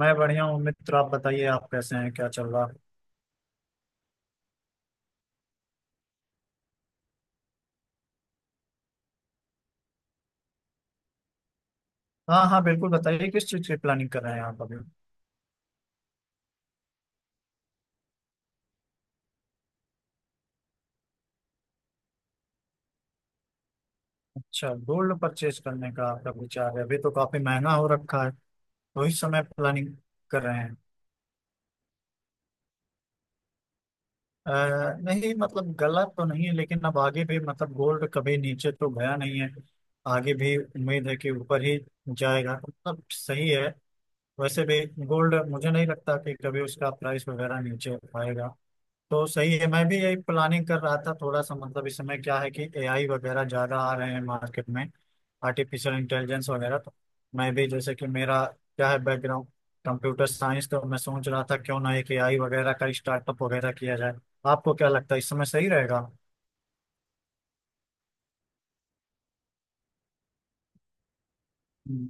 मैं बढ़िया हूँ मित्र। आप बताइए, आप कैसे हैं? क्या चल रहा है? हाँ हाँ, बिल्कुल बताइए किस चीज़ की प्लानिंग कर रहे हैं आप अभी? अच्छा, गोल्ड परचेज करने का आपका विचार है? अभी तो काफी महंगा हो रखा है, तो इस समय प्लानिंग कर रहे हैं? अ, नहीं, मतलब गलत तो नहीं है, लेकिन अब आगे भी मतलब गोल्ड कभी नीचे तो गया नहीं है। आगे भी उम्मीद है कि ऊपर ही जाएगा, मतलब सही है। वैसे भी गोल्ड मुझे नहीं लगता कि कभी उसका प्राइस वगैरह नीचे आएगा। तो सही है, मैं भी यही प्लानिंग कर रहा था थोड़ा सा। मतलब इस समय क्या है कि एआई वगैरह ज़्यादा आ रहे हैं मार्केट में, आर्टिफिशियल इंटेलिजेंस वगैरह। तो मैं भी, जैसे कि मेरा क्या है बैकग्राउंड, कंप्यूटर साइंस, तो मैं सोच रहा था क्यों ना एक एआई वगैरह का स्टार्टअप वगैरह किया जाए। आपको क्या लगता है इस समय सही रहेगा? हम्म।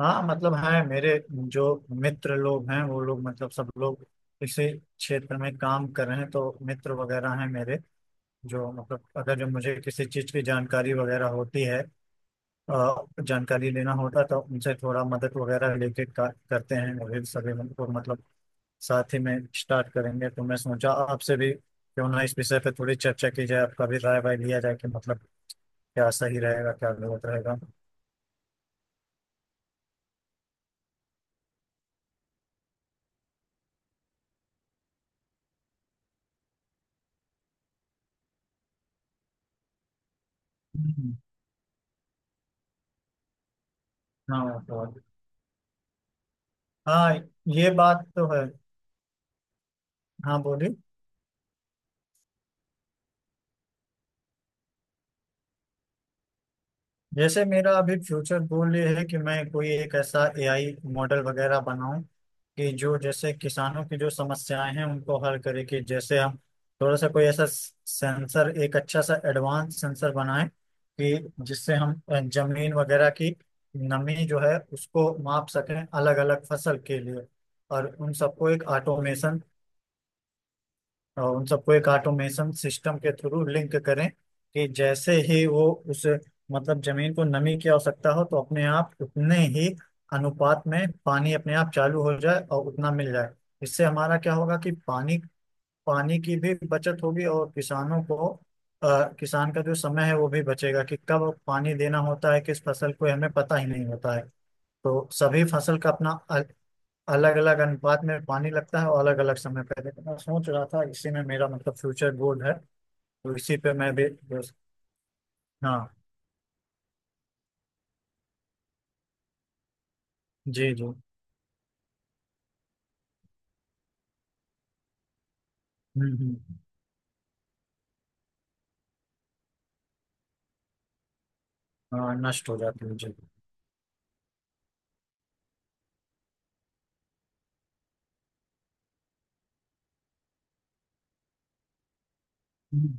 हाँ, मतलब है, मेरे जो मित्र लोग हैं वो लोग, मतलब सब लोग इसी क्षेत्र में काम कर रहे हैं, तो मित्र वगैरह हैं मेरे जो, मतलब अगर जो मुझे किसी चीज की जानकारी वगैरह होती है, अ, जानकारी लेना होता तो उनसे थोड़ा मदद वगैरह लेके करते हैं। और ये सभी को मतलब साथ ही में स्टार्ट करेंगे, तो मैं सोचा आपसे भी क्यों ना इस विषय पे थोड़ी चर्चा की जाए, आपका भी राय वाय लिया जाए कि मतलब क्या सही रहेगा क्या गलत रहेगा। हम्म, हाँ हाँ, ये बात तो है। हाँ बोलिए। जैसे मेरा अभी फ्यूचर गोल ये है कि मैं कोई एक ऐसा एआई मॉडल वगैरह बनाऊं कि जो जैसे किसानों की जो समस्याएं हैं उनको हल करे, कि जैसे हम थोड़ा सा कोई ऐसा सेंसर, एक अच्छा सा एडवांस सेंसर बनाएं कि जिससे हम जमीन वगैरह की नमी जो है उसको माप सकें अलग अलग फसल के लिए। और उन सबको एक ऑटोमेशन और उन सबको एक ऑटोमेशन सिस्टम के थ्रू लिंक करें, कि जैसे ही वो उस, मतलब जमीन को नमी की आवश्यकता हो तो अपने आप उतने ही अनुपात में पानी अपने आप चालू हो जाए और उतना मिल जाए। इससे हमारा क्या होगा कि पानी पानी की भी बचत होगी और किसानों को, किसान का जो समय है वो भी बचेगा, कि कब पानी देना होता है किस फसल को, हमें पता ही नहीं होता है। तो सभी फसल का अपना अलग अलग अनुपात में पानी लगता है और अलग अलग समय पे, लेकिन मैं सोच रहा था इसी में मेरा मतलब फ्यूचर गोल है, तो इसी पे मैं भी बस- हाँ जी जी। हम्म, हाँ नष्ट हो जाती है जी। हम्म।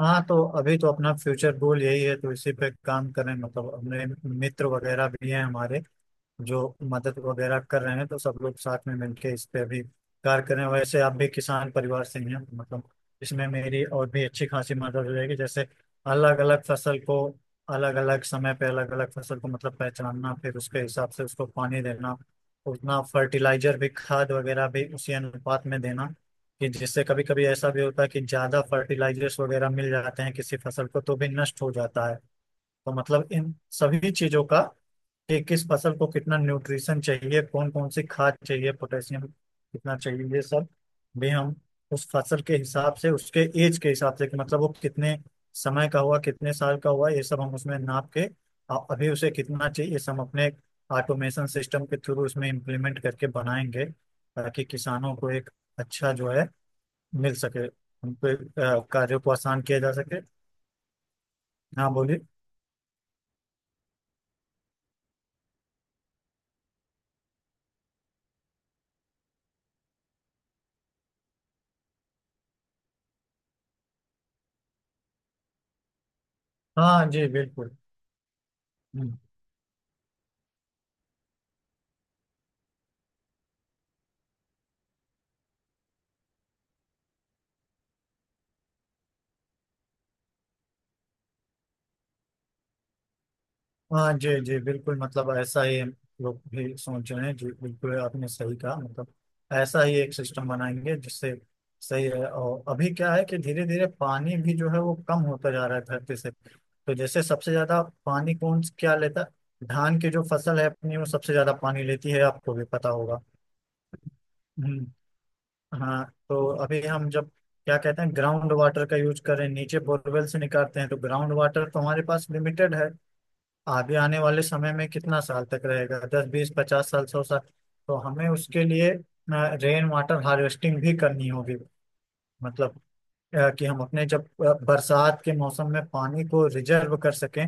हाँ तो अभी तो अपना फ्यूचर गोल यही है, तो इसी पे काम करें। मतलब अपने मित्र वगैरह भी हैं हमारे जो मदद वगैरह कर रहे हैं, तो सब लोग साथ में मिलके इस पे अभी कार्य कर रहे हैं। वैसे आप भी किसान परिवार से ही हैं, मतलब इसमें मेरी और भी अच्छी खासी मदद हो जाएगी। जैसे अलग अलग फसल को अलग अलग समय पे अलग अलग फसल को मतलब पहचानना, फिर उसके हिसाब से उसको पानी देना, उतना फर्टिलाइजर भी, खाद वगैरह भी उसी अनुपात में देना। कि जिससे कभी कभी ऐसा भी होता है कि ज्यादा फर्टिलाइजर्स वगैरह मिल जाते हैं किसी फसल को, तो भी नष्ट हो जाता है। तो मतलब इन सभी चीजों का, कि किस फसल को कितना न्यूट्रिशन चाहिए, कौन कौन सी खाद चाहिए, पोटेशियम कितना चाहिए, ये सब भी हम उस फसल के हिसाब से, उसके एज के हिसाब से, कि मतलब वो कितने समय का हुआ, कितने साल का हुआ, ये सब हम उसमें नाप के और अभी उसे कितना चाहिए, ये सब हम अपने ऑटोमेशन सिस्टम के थ्रू उसमें इम्प्लीमेंट करके बनाएंगे, ताकि किसानों को एक अच्छा जो है मिल सके, उनके कार्यों को आसान किया जा सके। हाँ बोलिए। हाँ जी बिल्कुल। हाँ जी जी बिल्कुल, मतलब ऐसा ही हम लोग भी सोच रहे हैं जी। बिल्कुल आपने सही कहा, मतलब ऐसा ही एक सिस्टम बनाएंगे जिससे सही है। और अभी क्या है कि धीरे धीरे पानी भी जो है वो कम होता जा रहा है धरती से। तो जैसे सबसे ज्यादा पानी कौन क्या लेता है, धान की जो फसल है अपनी वो सबसे ज्यादा पानी लेती है, आपको भी पता होगा। हम्म। हाँ तो अभी हम जब क्या कहते हैं, ग्राउंड वाटर का यूज करें, नीचे बोरवेल से निकालते हैं तो ग्राउंड वाटर तो हमारे पास लिमिटेड है। आगे आने वाले समय में कितना साल तक रहेगा, 10 20 50 साल 100 साल। तो हमें उसके लिए रेन वाटर हार्वेस्टिंग भी करनी होगी। मतलब कि हम अपने, जब बरसात के मौसम में पानी को रिजर्व कर सकें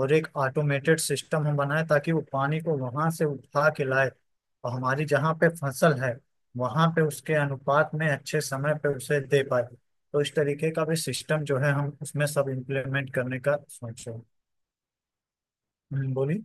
और एक ऑटोमेटेड सिस्टम हम बनाए, ताकि वो पानी को वहां से उठा के लाए और हमारी जहाँ पे फसल है वहां पे उसके अनुपात में अच्छे समय पे उसे दे पाए। तो इस तरीके का भी सिस्टम जो है हम उसमें सब इम्प्लीमेंट करने का सोच रहे हैं। बोलिए।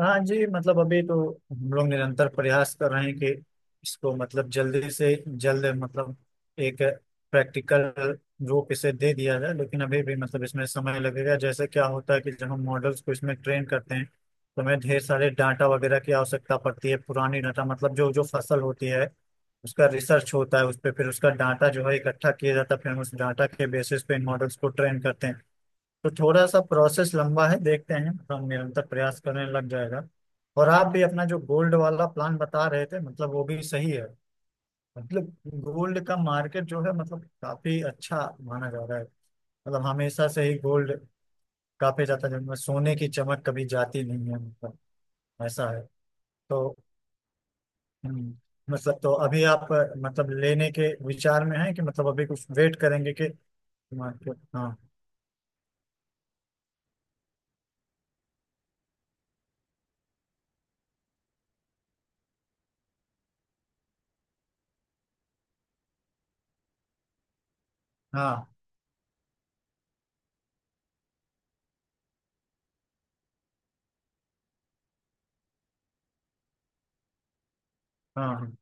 हाँ जी, मतलब अभी तो हम लोग निरंतर प्रयास कर रहे हैं कि इसको मतलब जल्दी से जल्द मतलब एक प्रैक्टिकल रूप इसे दे दिया जाए। लेकिन अभी भी मतलब इसमें समय लगेगा, जैसे क्या होता है कि जब हम मॉडल्स को इसमें ट्रेन करते हैं तो हमें ढेर सारे डाटा वगैरह की आवश्यकता पड़ती है, पुरानी डाटा, मतलब जो जो फसल होती है उसका रिसर्च होता है उस पर, फिर उसका डाटा जो है इकट्ठा किया जाता है, फिर हम उस डाटा के बेसिस पे इन मॉडल्स को ट्रेन करते हैं। तो थोड़ा सा प्रोसेस लंबा है, देखते हैं, हम निरंतर प्रयास करने लग जाएगा। और आप भी अपना जो गोल्ड वाला प्लान बता रहे थे, मतलब वो भी सही है। मतलब गोल्ड का मार्केट जो है मतलब काफी अच्छा माना जा रहा है, मतलब हमेशा से ही गोल्ड काफी जाता है, मतलब सोने की चमक कभी जाती नहीं है, मतलब ऐसा है। तो हम्म, मतलब तो अभी आप मतलब लेने के विचार में हैं कि मतलब अभी कुछ वेट करेंगे कि मार्केट? हाँ हाँ हाँ हाँ।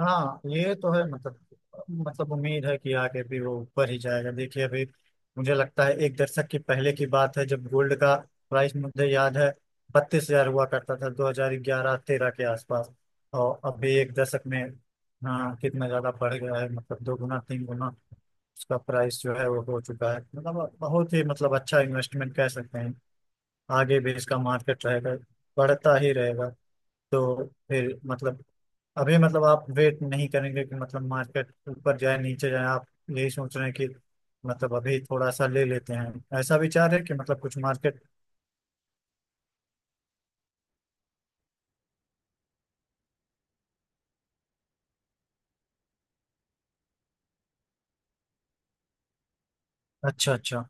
हाँ, ये तो है मतलब, मतलब उम्मीद है कि आगे भी वो ऊपर ही जाएगा। देखिए अभी मुझे लगता है एक दशक की पहले की बात है, जब गोल्ड का प्राइस, मुझे याद है, 32,000 हुआ करता था 2011 13 के आसपास। और अभी एक दशक में, हाँ, कितना ज्यादा बढ़ गया है, मतलब दो गुना तीन गुना उसका प्राइस जो है वो हो चुका है, मतलब बहुत ही मतलब अच्छा इन्वेस्टमेंट कह सकते हैं। आगे भी इसका मार्केट रहेगा, बढ़ता ही रहेगा। तो फिर मतलब अभी मतलब आप वेट नहीं करेंगे कि मतलब मार्केट ऊपर जाए नीचे जाए, आप यही सोच रहे हैं कि मतलब अभी थोड़ा सा ले लेते हैं, ऐसा विचार है कि मतलब कुछ मार्केट? अच्छा अच्छा।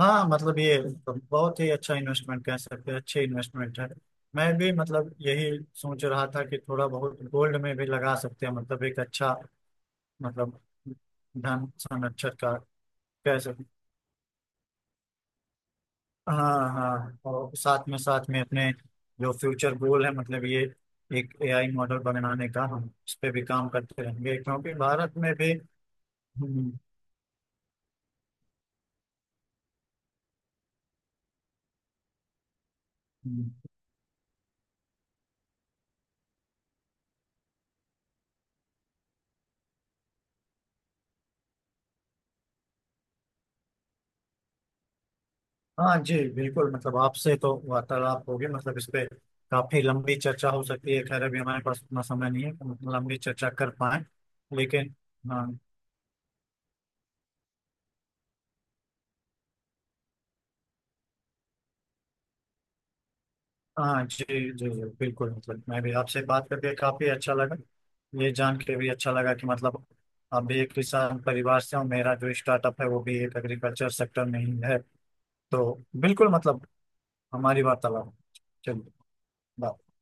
हाँ मतलब ये तो बहुत ही अच्छा इन्वेस्टमेंट कह सकते हैं, अच्छे इन्वेस्टमेंट है। मैं भी मतलब यही सोच रहा था कि थोड़ा बहुत गोल्ड में भी लगा सकते हैं, मतलब एक अच्छा मतलब धन संरक्षक का कह सकते हैं। हाँ हाँ, और साथ में अपने जो फ्यूचर गोल है मतलब ये एक एआई मॉडल बनाने का, हम इस पे भी काम करते रहेंगे क्योंकि भारत में भी हम्म, हम्म, हाँ जी बिल्कुल, मतलब आपसे तो वार्तालाप होगी, मतलब इस पे काफी लंबी चर्चा हो सकती है। खैर अभी हमारे पास उतना समय नहीं है कि मतलब लंबी चर्चा कर पाए, लेकिन हाँ हाँ जी जी, जी बिल्कुल, मतलब मैं भी आपसे बात करके काफी अच्छा लगा। ये जान के भी अच्छा लगा कि मतलब आप भी एक किसान परिवार से हो, मेरा जो स्टार्टअप है वो भी एक एग्रीकल्चर सेक्टर में ही है, तो बिल्कुल मतलब हमारी वार्तालाप। चलिए, बाय।